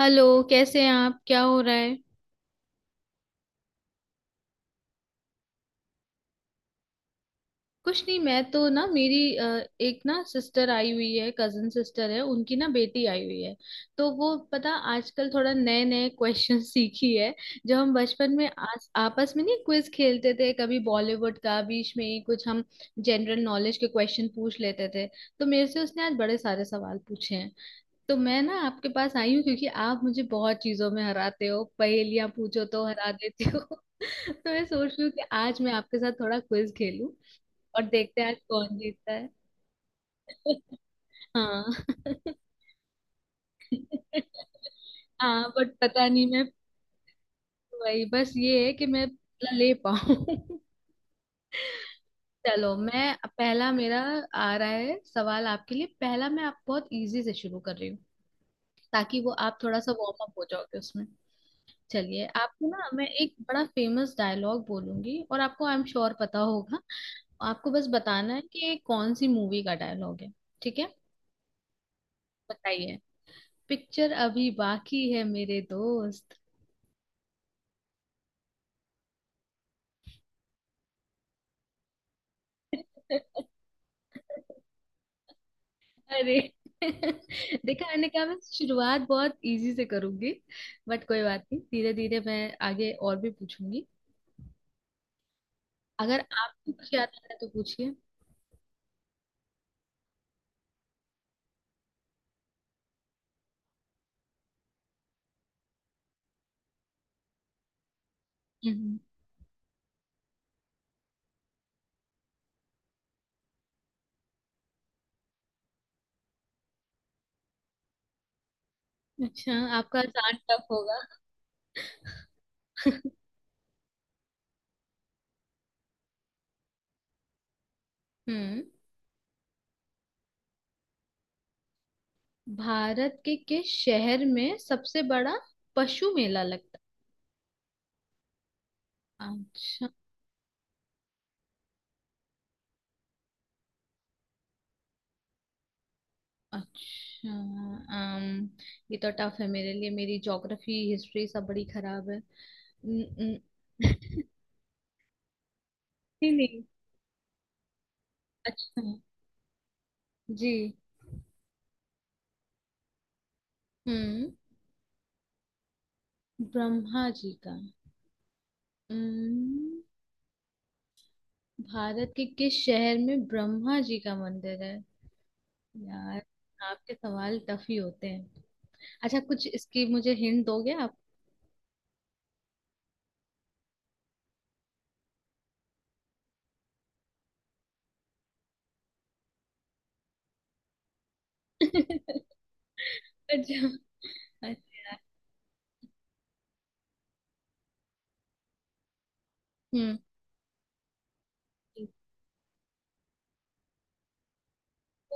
Hello. कैसे हैं आप? क्या हो रहा है? कुछ नहीं, मैं तो ना मेरी एक ना सिस्टर आई हुई है। कजन सिस्टर है, उनकी ना बेटी आई हुई है। तो वो पता आजकल थोड़ा नए नए क्वेश्चन सीखी है। जो हम बचपन में आपस में नहीं क्विज खेलते थे कभी बॉलीवुड का, बीच में ही कुछ हम जनरल नॉलेज के क्वेश्चन पूछ लेते थे। तो मेरे से उसने आज बड़े सारे सवाल पूछे हैं। तो मैं ना आपके पास आई हूँ, क्योंकि आप मुझे बहुत चीजों में हराते हो, पहेलियां पूछो तो हरा देते हो। तो मैं सोच रही हूँ कि आज मैं आपके साथ थोड़ा क्विज खेलूं और देखते हैं आज कौन जीतता है। हाँ। हाँ, बट पता नहीं मैं, वही बस ये है कि मैं बदला ले पाऊँ। चलो, मैं पहला मेरा आ रहा है सवाल आपके लिए। पहला, मैं आप बहुत इजी से शुरू कर रही हूँ ताकि वो आप थोड़ा सा वार्म अप हो जाओगे उसमें। चलिए, आपको ना मैं एक बड़ा फेमस डायलॉग बोलूंगी और आपको आई एम श्योर पता होगा। आपको बस बताना है कि ये कौन सी मूवी का डायलॉग है। ठीक है? बताइए, पिक्चर अभी बाकी है मेरे दोस्त। अरे! देखा, मैंने कहा मैं शुरुआत बहुत इजी से करूंगी। बट कोई बात नहीं, धीरे धीरे मैं आगे और भी पूछूंगी। अगर आपको कुछ याद आ रहा है तो पूछिए। हम्म। अच्छा, आपका आसान टफ होगा। हम्म। भारत के किस शहर में सबसे बड़ा पशु मेला लगता है? अच्छा। अच्छा। um, ये तो टफ है मेरे लिए, मेरी ज्योग्राफी हिस्ट्री सब बड़ी खराब है। न- न- नहीं नहीं। अच्छा। जी। हम्म। ब्रह्मा जी का। हम्म। भारत के किस शहर में ब्रह्मा जी का मंदिर है? यार, आपके सवाल टफ ही होते हैं। अच्छा, कुछ इसकी मुझे हिंट दोगे आप? अच्छा। अच्छा। हम्म।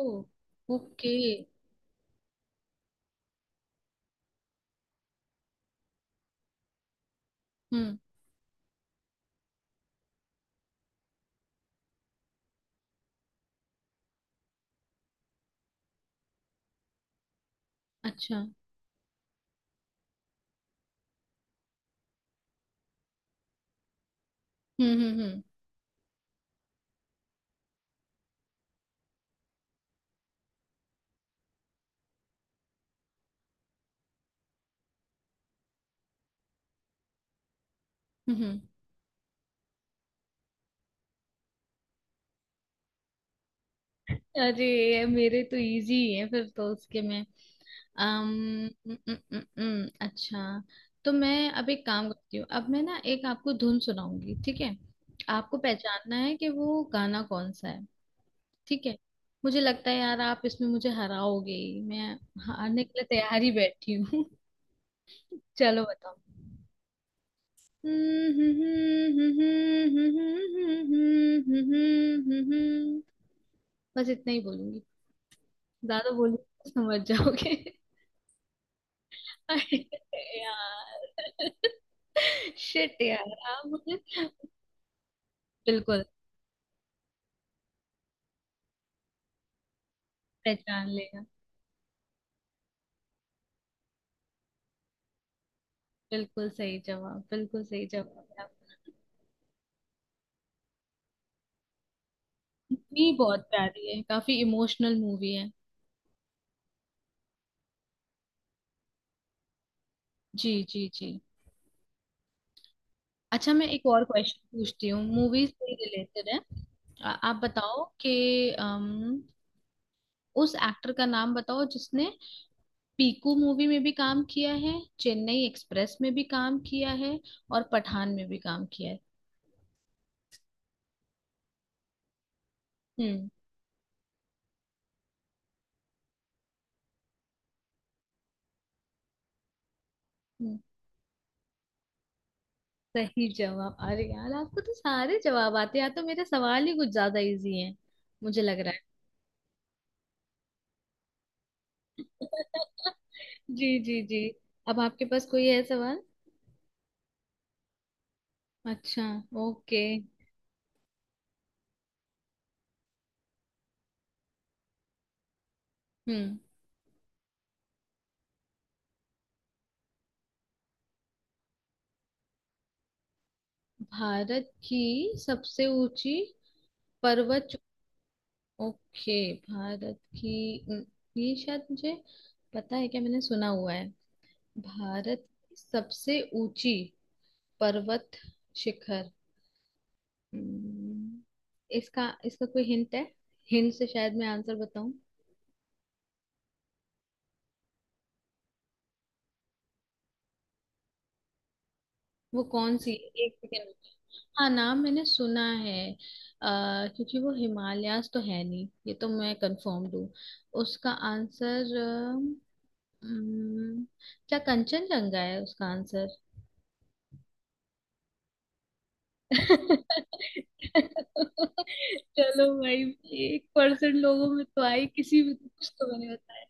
ओ। ओके। हम्म। अच्छा। हम्म। हम्म। अरे, ये मेरे तो इजी ही है फिर तो उसके में। अम उम, उम, उम, उम, अच्छा, तो मैं अब एक काम करती हूँ। अब मैं ना एक आपको धुन सुनाऊंगी, ठीक है? आपको पहचानना है कि वो गाना कौन सा है। ठीक है। मुझे लगता है यार आप इसमें मुझे हराओगे ही। मैं हारने के लिए तैयार ही बैठी हूँ। चलो बताओ। बस इतना ही बोलूंगी, ज्यादा बोलूंगी तो समझ जाओगे। अरे यार! शिट यार, आप मुझे बिल्कुल पहचान लेगा। बिल्कुल सही जवाब, बिल्कुल सही जवाब है आपका। मूवी बहुत प्यारी है, काफी इमोशनल मूवी है। जी जी जी। अच्छा, मैं एक और क्वेश्चन पूछती हूँ, मूवी से रिलेटेड है। आप बताओ कि उस एक्टर का नाम बताओ जिसने पीकू मूवी में भी काम किया है, चेन्नई एक्सप्रेस में भी काम किया है, और पठान में भी काम किया है। हम्म। हम्म। सही जवाब! अरे यार, आपको तो सारे जवाब आते हैं, या तो मेरे सवाल ही कुछ ज्यादा इजी हैं, मुझे लग रहा है। जी जी जी। अब आपके पास कोई है सवाल? अच्छा। ओके। हम्म। भारत की सबसे ऊंची पर्वत चो- ओके, भारत की, ये शायद मुझे पता है, क्या मैंने सुना हुआ है। भारत की सबसे ऊंची पर्वत शिखर, हम्म, इसका इसका कोई हिंट है? हिंट से शायद मैं आंसर बताऊं। वो कौन सी है? एक सेकेंड। हाँ, नाम मैंने सुना है। आ, क्योंकि वो हिमालयास तो है नहीं, ये तो मैं कंफर्म हूँ। उसका आंसर हम्म, क्या कंचनजंगा है उसका आंसर? चलो भाई, एक परसेंट लोगों में तो आई, किसी में तो कुछ तो मैंने बताया।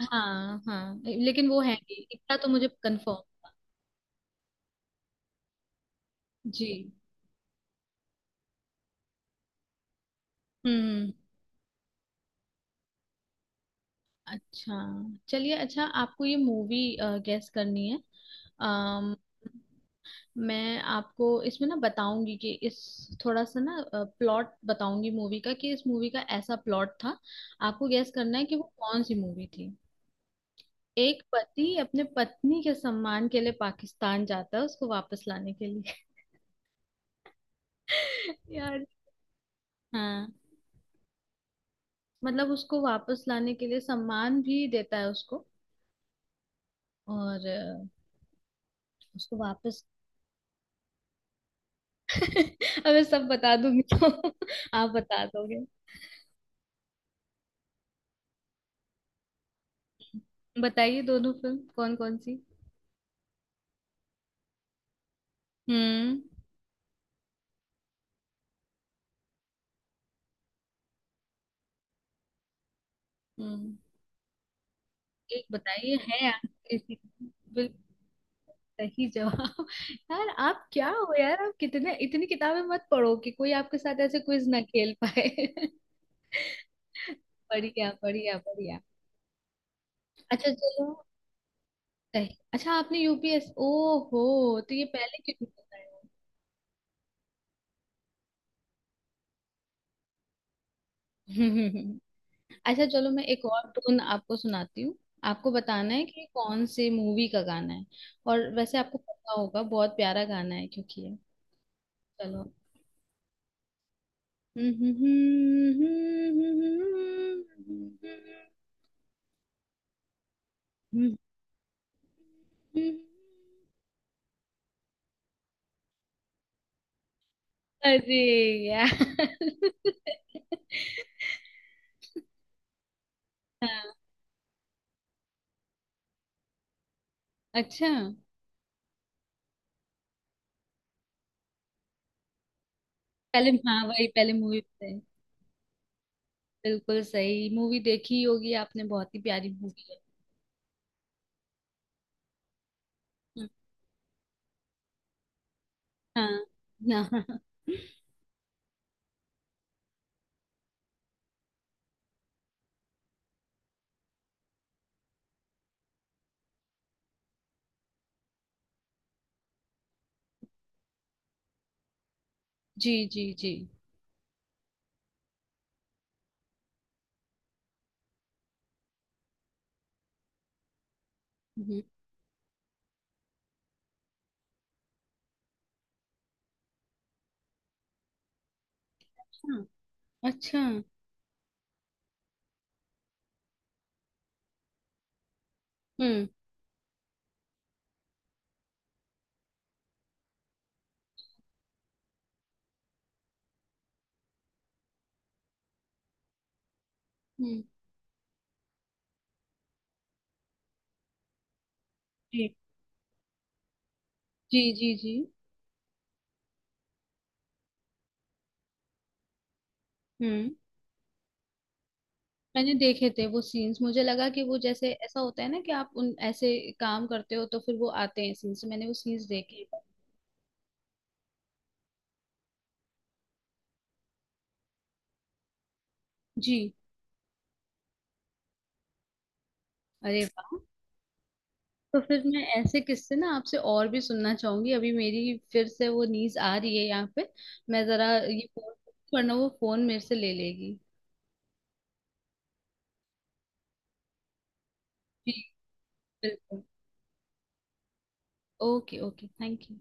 हाँ हाँ, लेकिन वो है नहीं इतना तो मुझे कंफर्म। जी। हम्म। अच्छा, चलिए। अच्छा, आपको ये मूवी गेस करनी है। अम, मैं आपको इसमें ना बताऊंगी कि इस, थोड़ा सा ना प्लॉट बताऊंगी मूवी का, कि इस मूवी का ऐसा प्लॉट था, आपको गेस करना है कि वो कौन सी मूवी थी। एक पति अपने पत्नी के सम्मान के लिए पाकिस्तान जाता है उसको वापस लाने के लिए। यार! हाँ, मतलब उसको वापस लाने के लिए सम्मान भी देता है उसको। और उसको वापस। अब मैं सब बता दूंगी तो आप बता दोगे। बताइए दोनों फिल्म कौन कौन सी। हम्म। हम्म। एक बताइए है यार, ऐसी- बिल्कुल सही जवाब! यार आप क्या हो यार! आप कितने, इतनी किताबें मत पढ़ो कि कोई आपके साथ ऐसे क्विज ना खेल पाए। बढ़िया बढ़िया बढ़िया। अच्छा चलो। सही। अच्छा, आपने यूपीएस ओ हो तो ये पहले क्यों नहीं बताया? अच्छा चलो, मैं एक और टून आपको सुनाती हूँ। आपको बताना है कि कौन से मूवी का गाना है। और वैसे आपको पता होगा, बहुत प्यारा गाना है क्योंकि ये, चलो। अरे यार! हाँ। अच्छा, पहले हाँ, वही पहले मूवी पे। बिल्कुल सही मूवी! देखी ही होगी आपने, बहुत ही प्यारी मूवी है। हाँ। हाँ। जी जी जी। हम्म। हाँ। अच्छा। हम्म। हम्म। जी। जी जी जी। हम्म। मैंने देखे थे वो सीन्स, मुझे लगा कि वो जैसे ऐसा होता है ना कि आप उन ऐसे काम करते हो तो फिर वो आते हैं सीन्स, मैंने वो सीन्स देखे। जी। अरे वाह! तो फिर मैं ऐसे किस्से ना आपसे और भी सुनना चाहूंगी। अभी मेरी फिर से वो नीज आ रही है यहाँ पे, मैं जरा ये फोन, वरना वो फोन मेरे से ले लेगी। जी। बिल्कुल। Okay okay, thank you.